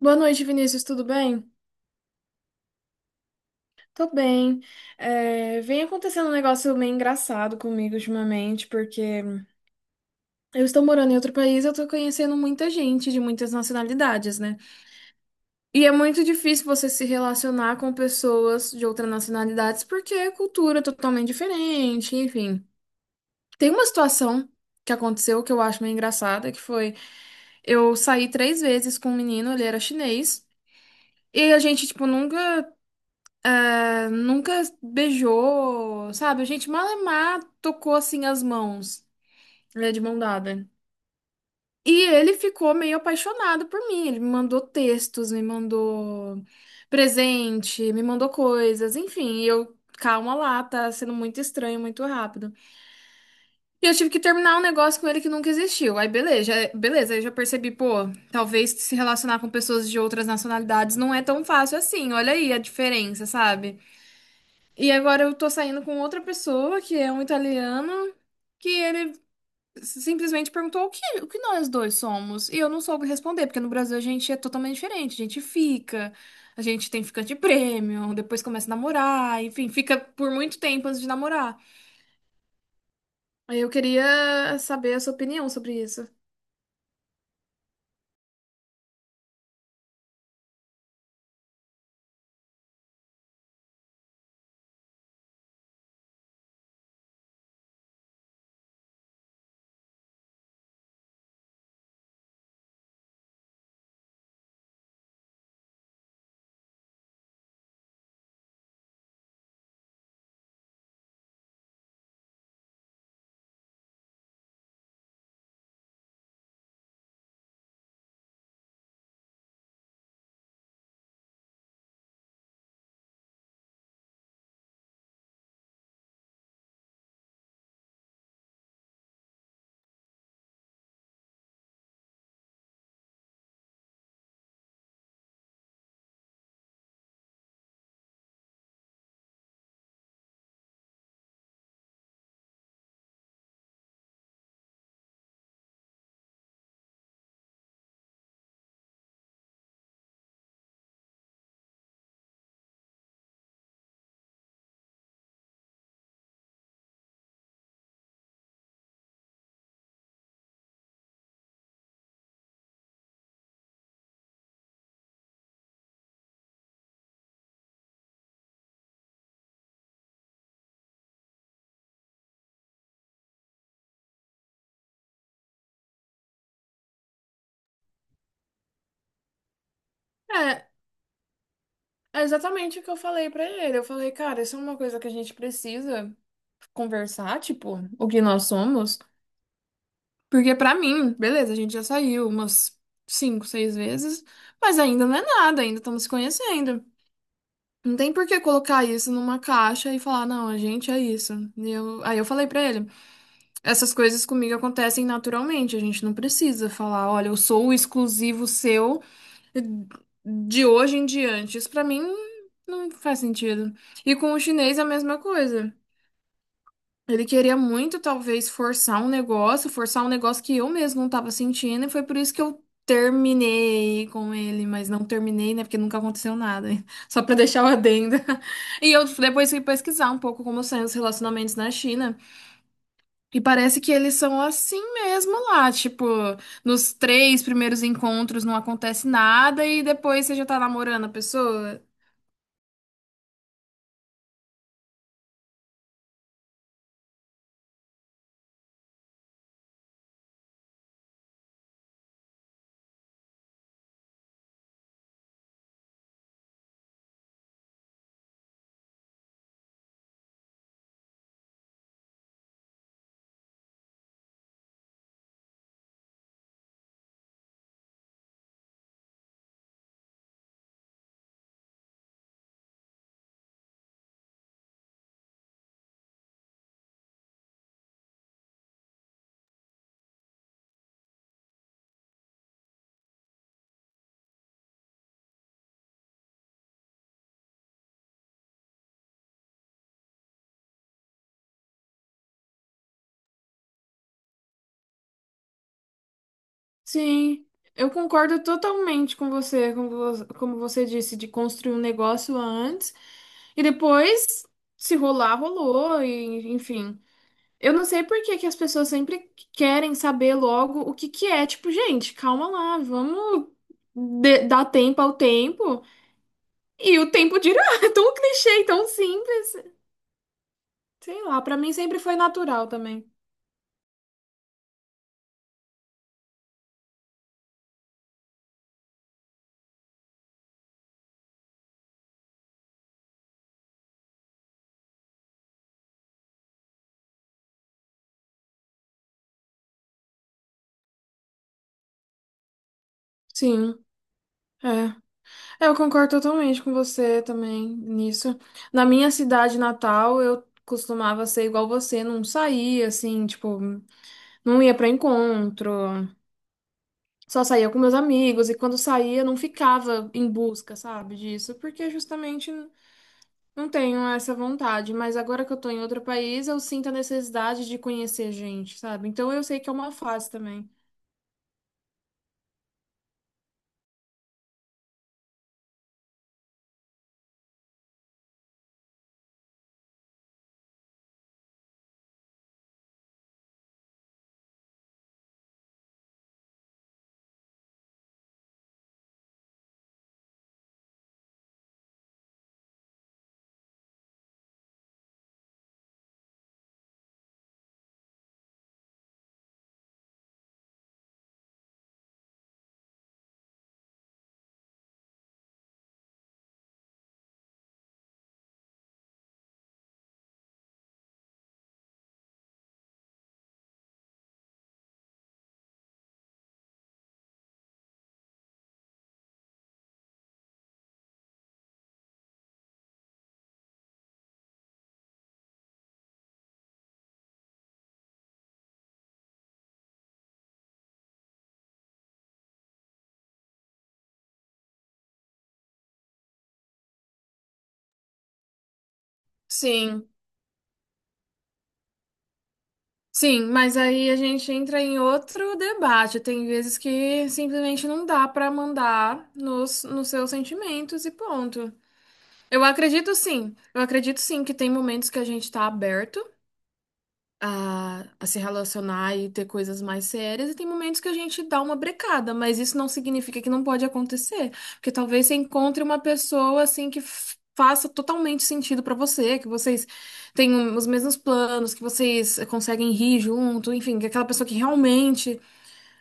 Boa noite, Vinícius, tudo bem? Tô bem. Vem acontecendo um negócio meio engraçado comigo ultimamente, porque eu estou morando em outro país, eu tô conhecendo muita gente de muitas nacionalidades, né? E é muito difícil você se relacionar com pessoas de outras nacionalidades, porque a cultura é totalmente diferente, enfim. Tem uma situação que aconteceu que eu acho meio engraçada, que foi eu saí 3 vezes com um menino, ele era chinês, e a gente, tipo, nunca. Nunca beijou, sabe? A gente malemar tocou assim as mãos, né, de mão dada. E ele ficou meio apaixonado por mim. Ele me mandou textos, me mandou presente, me mandou coisas, enfim. E eu, calma lá, tá sendo muito estranho, muito rápido. E eu tive que terminar um negócio com ele que nunca existiu. Aí beleza, beleza, aí eu já percebi, pô, talvez se relacionar com pessoas de outras nacionalidades não é tão fácil assim. Olha aí a diferença, sabe? E agora eu tô saindo com outra pessoa, que é um italiano, que ele simplesmente perguntou o que nós dois somos. E eu não soube responder, porque no Brasil a gente é totalmente diferente. A gente fica, a gente tem ficante prêmio, depois começa a namorar, enfim, fica por muito tempo antes de namorar. Aí eu queria saber a sua opinião sobre isso. É, é exatamente o que eu falei pra ele. Eu falei, cara, isso é uma coisa que a gente precisa conversar, tipo, o que nós somos. Porque pra mim, beleza, a gente já saiu umas 5, 6 vezes, mas ainda não é nada, ainda estamos se conhecendo. Não tem por que colocar isso numa caixa e falar, não, a gente é isso. Aí eu falei pra ele, essas coisas comigo acontecem naturalmente, a gente não precisa falar, olha, eu sou o exclusivo seu de hoje em diante. Isso pra mim não faz sentido. E com o chinês é a mesma coisa. Ele queria muito, talvez, forçar um negócio que eu mesmo não tava sentindo, e foi por isso que eu terminei com ele, mas não terminei, né? Porque nunca aconteceu nada. Hein? Só pra deixar o adendo. E eu depois fui pesquisar um pouco como são os relacionamentos na China. E parece que eles são assim mesmo lá. Tipo, nos três primeiros encontros não acontece nada, e depois você já tá namorando a pessoa. Sim, eu concordo totalmente com você, como como você disse, de construir um negócio antes e depois, se rolar, rolou, e enfim. Eu não sei por que que as pessoas sempre querem saber logo o que que é. Tipo, gente, calma lá, vamos dar tempo ao tempo e o tempo dirá. É tão clichê, tão simples. Sei lá, pra mim sempre foi natural também. Sim, é. É, eu concordo totalmente com você também nisso. Na minha cidade natal, eu costumava ser igual você, não saía assim, tipo, não ia pra encontro, só saía com meus amigos e quando saía não ficava em busca, sabe, disso, porque justamente não tenho essa vontade, mas agora que eu tô em outro país, eu sinto a necessidade de conhecer gente, sabe? Então eu sei que é uma fase também. Sim. Sim, mas aí a gente entra em outro debate. Tem vezes que simplesmente não dá para mandar nos seus sentimentos e ponto. Eu acredito sim que tem momentos que a gente tá aberto a se relacionar e ter coisas mais sérias, e tem momentos que a gente dá uma brecada, mas isso não significa que não pode acontecer, porque talvez você encontre uma pessoa assim que faça totalmente sentido pra você, que vocês tenham os mesmos planos, que vocês conseguem rir junto, enfim, que é aquela pessoa que realmente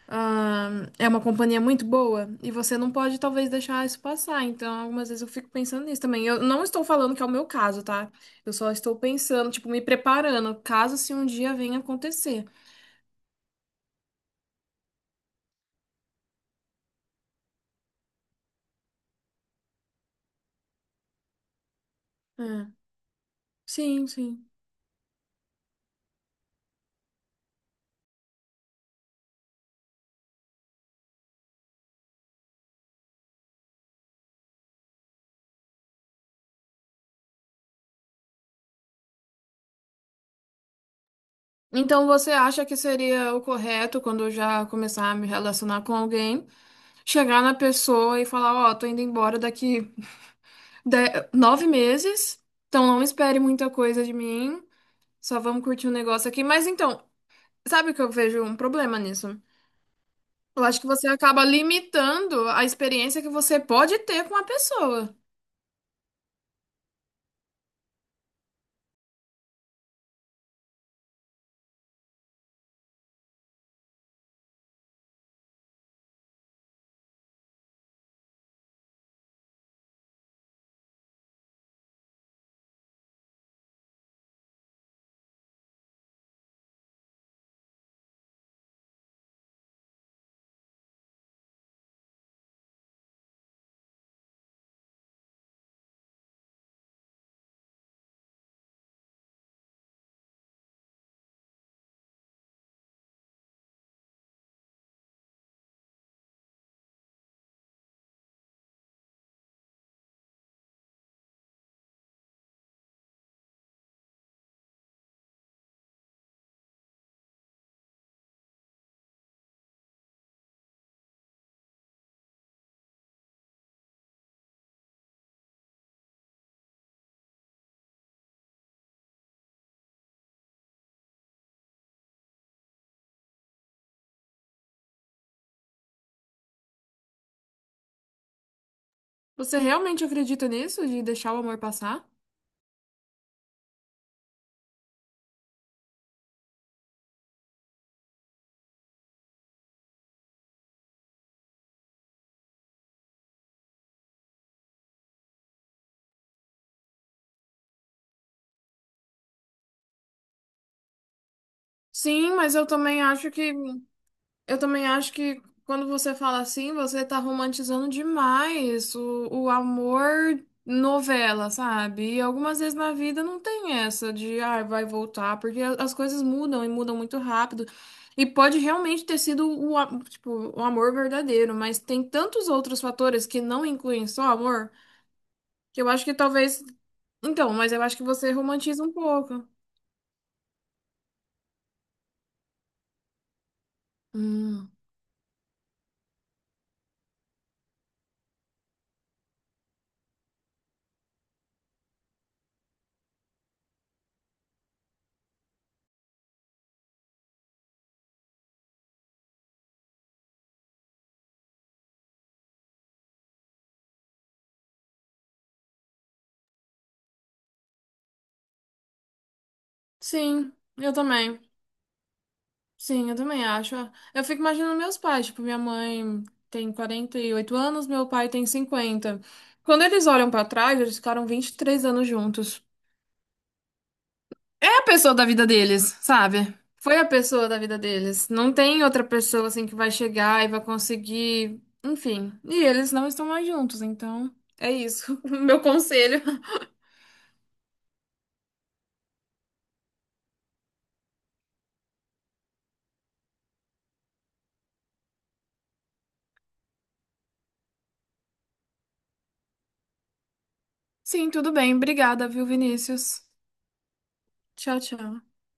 ah, é uma companhia muito boa e você não pode talvez deixar isso passar. Então, algumas vezes eu fico pensando nisso também. Eu não estou falando que é o meu caso, tá? Eu só estou pensando, tipo, me preparando, caso se um dia venha acontecer. É. Sim, sim. Então, você acha que seria o correto quando eu já começar a me relacionar com alguém, chegar na pessoa e falar, ó, tô indo embora daqui de- 9 meses, então não espere muita coisa de mim. Só vamos curtir um negócio aqui. Mas então, sabe o que eu vejo um problema nisso? Eu acho que você acaba limitando a experiência que você pode ter com a pessoa. Você realmente acredita nisso, de deixar o amor passar? Sim, mas eu também acho que eu também acho que quando você fala assim, você tá romantizando demais o amor novela, sabe? E algumas vezes na vida não tem essa de, ah, vai voltar, porque as coisas mudam e mudam muito rápido. E pode realmente ter sido tipo, o amor verdadeiro, mas tem tantos outros fatores que não incluem só amor, que eu acho que talvez. Então, mas eu acho que você romantiza um pouco. Hum. Sim, eu também. Sim, eu também acho. Ah, eu fico imaginando meus pais, tipo, minha mãe tem 48 anos, meu pai tem 50. Quando eles olham pra trás, eles ficaram 23 anos juntos. É a pessoa da vida deles, sabe? Foi a pessoa da vida deles. Não tem outra pessoa assim que vai chegar e vai conseguir, enfim. E eles não estão mais juntos, então é isso. O meu conselho. Sim, tudo bem. Obrigada, viu, Vinícius? Tchau, tchau.